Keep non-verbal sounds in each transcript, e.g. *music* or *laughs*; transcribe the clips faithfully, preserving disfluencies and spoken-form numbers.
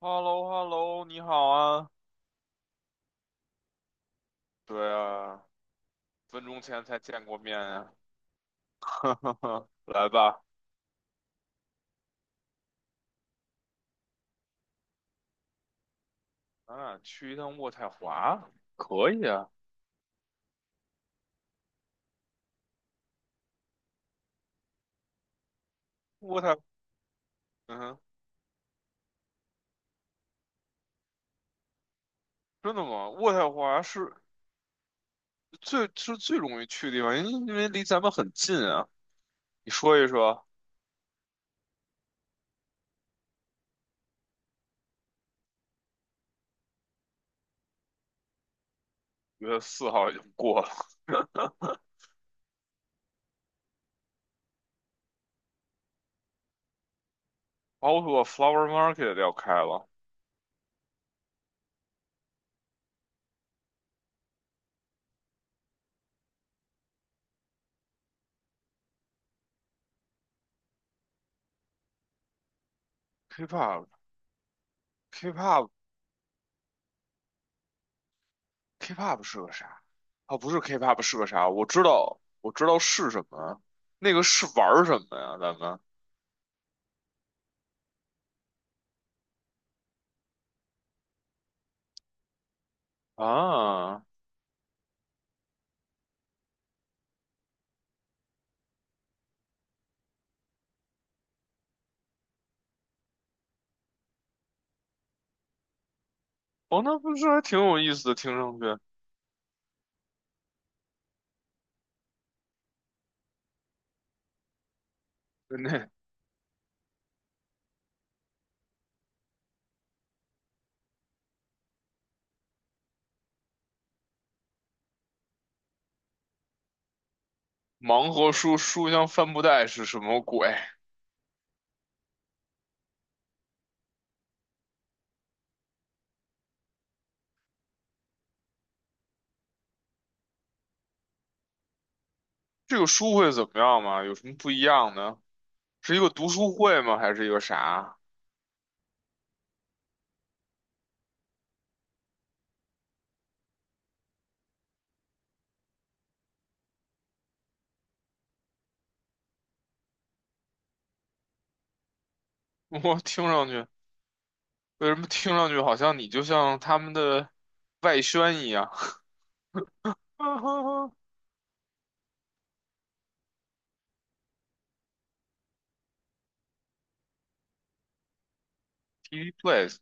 h e l l o h e l l o 你好啊。对啊，分钟前才见过面呀、啊。*laughs* 来吧，咱俩去一趟渥太华，可以啊。渥太，嗯哼，真的吗？渥太华是最是最容易去的地方，因因为离咱们很近啊。你说一说，五月四号已经过了，o 包括 Flower Market 要开了，K-pop，K-pop，K-pop 是个啥？哦，不是 K-pop 是个啥？我知道，我知道是什么。那个是玩儿什么呀？咱们？啊，哦，那不是还挺有意思的，听上去。那盲盒书书香帆布袋是什么鬼？这个书会怎么样吗？有什么不一样呢？是一个读书会吗？还是一个啥？*laughs* 我听上去，为什么听上去好像你就像他们的外宣一样？T V *laughs* 哈哈，T V Place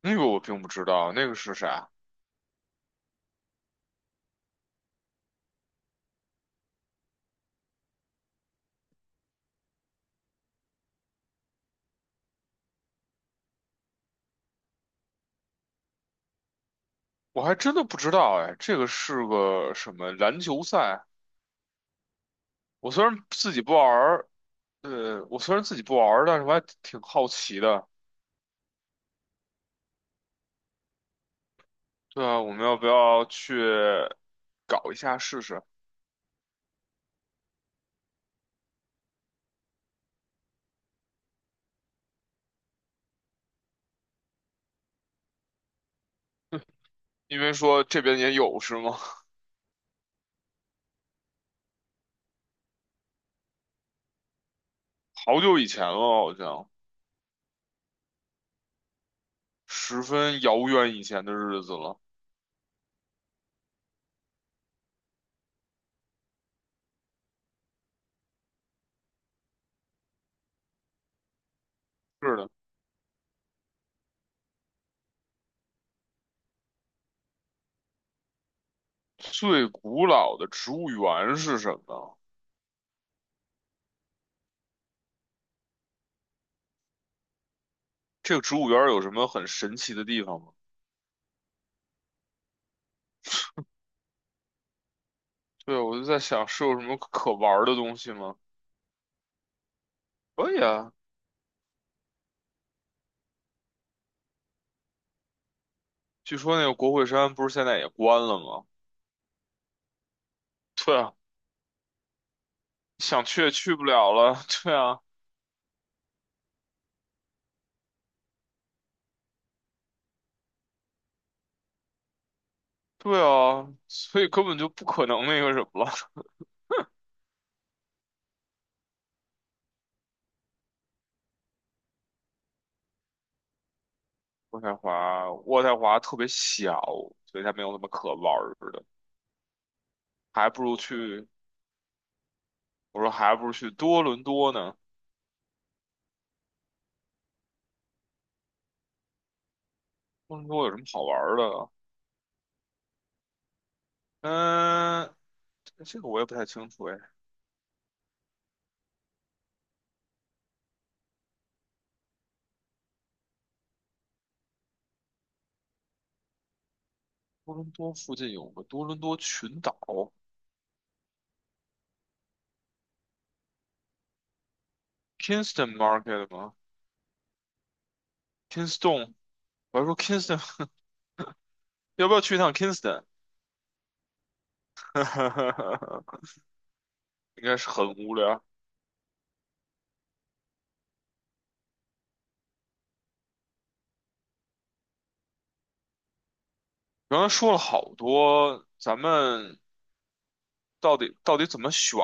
那个我并不知道，那个是啥？我还真的不知道哎，这个是个什么篮球赛？我虽然自己不玩，对，我虽然自己不玩儿，但是我还挺好奇的。对啊，我们要不要去搞一下试试？因为说这边也有是吗？*laughs* 好久以前了，好像十分遥远以前的日子了。是的，最古老的植物园是什么？这个植物园有什么很神奇的地方吗？对，我就在想是有什么可玩儿的东西吗？可以啊，据说那个国会山不是现在也关了吗？对啊，想去也去不了了。*laughs* 对啊。对啊，*laughs* 所以根本就不可能那个什么了。*laughs* 渥太华，渥太华特别小，所以它没有那么可玩儿的，还不如去，我说还不如去多伦多呢。多伦多有什么好玩儿的？嗯，这这个我也不太清楚哎。多伦多附近有个多伦多群岛，Kingston Market 吗？Kingston，我还说 Kingston，*laughs* 要不要去一趟 Kingston？*laughs* 应该是很无聊。刚才说了好多，咱们到底到底怎么选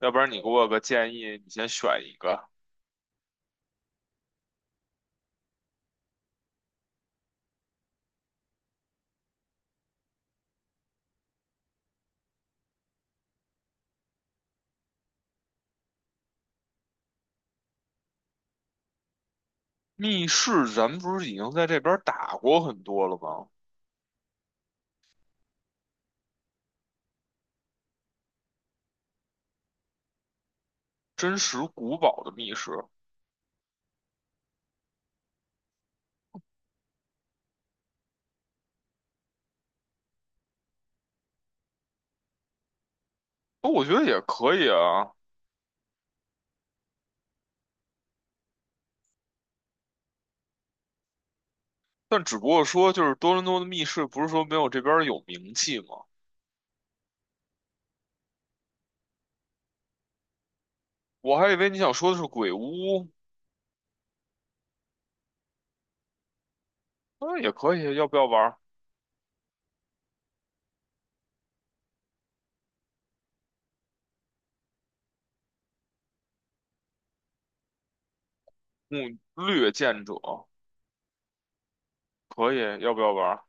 要不然你给我个建议，你先选一个。密室咱们不是已经在这边儿打过很多了吗？真实古堡的密室，哦我觉得也可以啊。但只不过说，就是多伦多的密室不是说没有这边儿有名气吗？我还以为你想说的是鬼屋，那也可以。要不要玩儿嗯略剑者？可以，要不要玩儿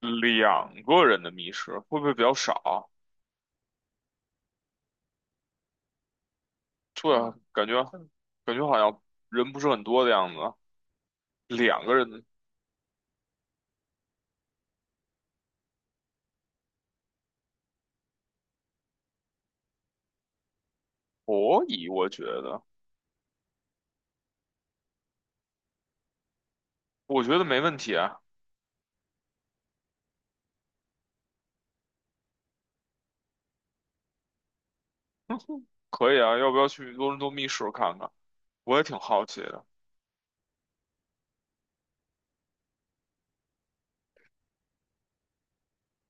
两个人的密室？会不会比较少？对啊，感觉感觉好像人不是很多的样子啊。两个人，可以，我觉得，我觉得没问题啊，可以啊，要不要去多伦多密室看看？我也挺好奇的。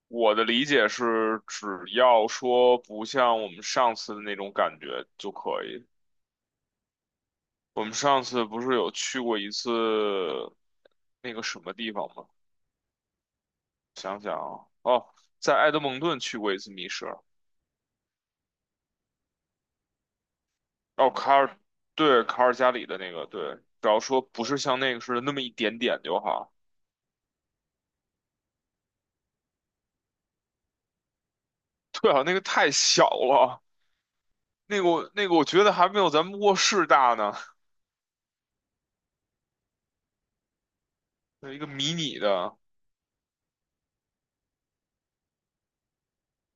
我的理解是，只要说不像我们上次的那种感觉就可以。我们上次不是有去过一次那个什么地方吗？想想啊，哦，在埃德蒙顿去过一次密室，哦，卡尔，对，卡尔加里的那个，对，只要说不是像那个似的那么一点点就好。对啊，那个太小了。那个我那个我觉得还没有咱们卧室大呢，有一个迷你的，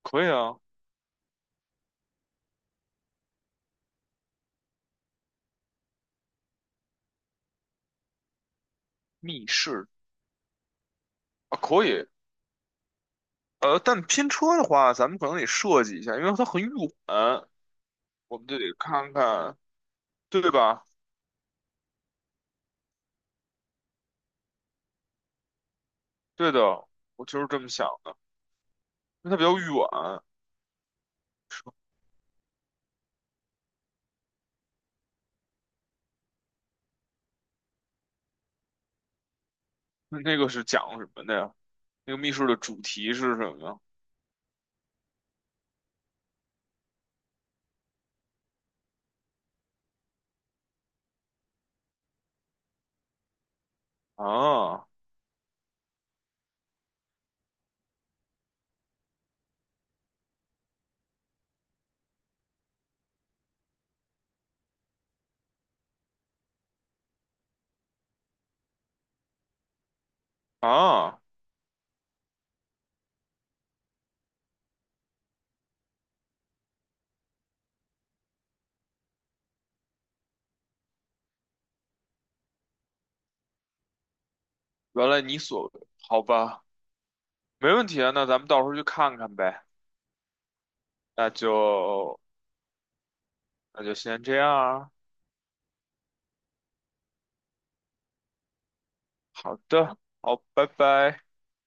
可以啊，密室啊可以，呃，但拼车的话，咱们可能得设计一下，因为它很远，我们就得看看，对吧？对的，我就是这么想的，因为它比较远。那那个是讲什么的呀？那个密室的主题是什么？呀？啊啊，原来你所，好吧，没问题啊，那咱们到时候去看看呗，那就那就先这样啊。好的，好，拜拜。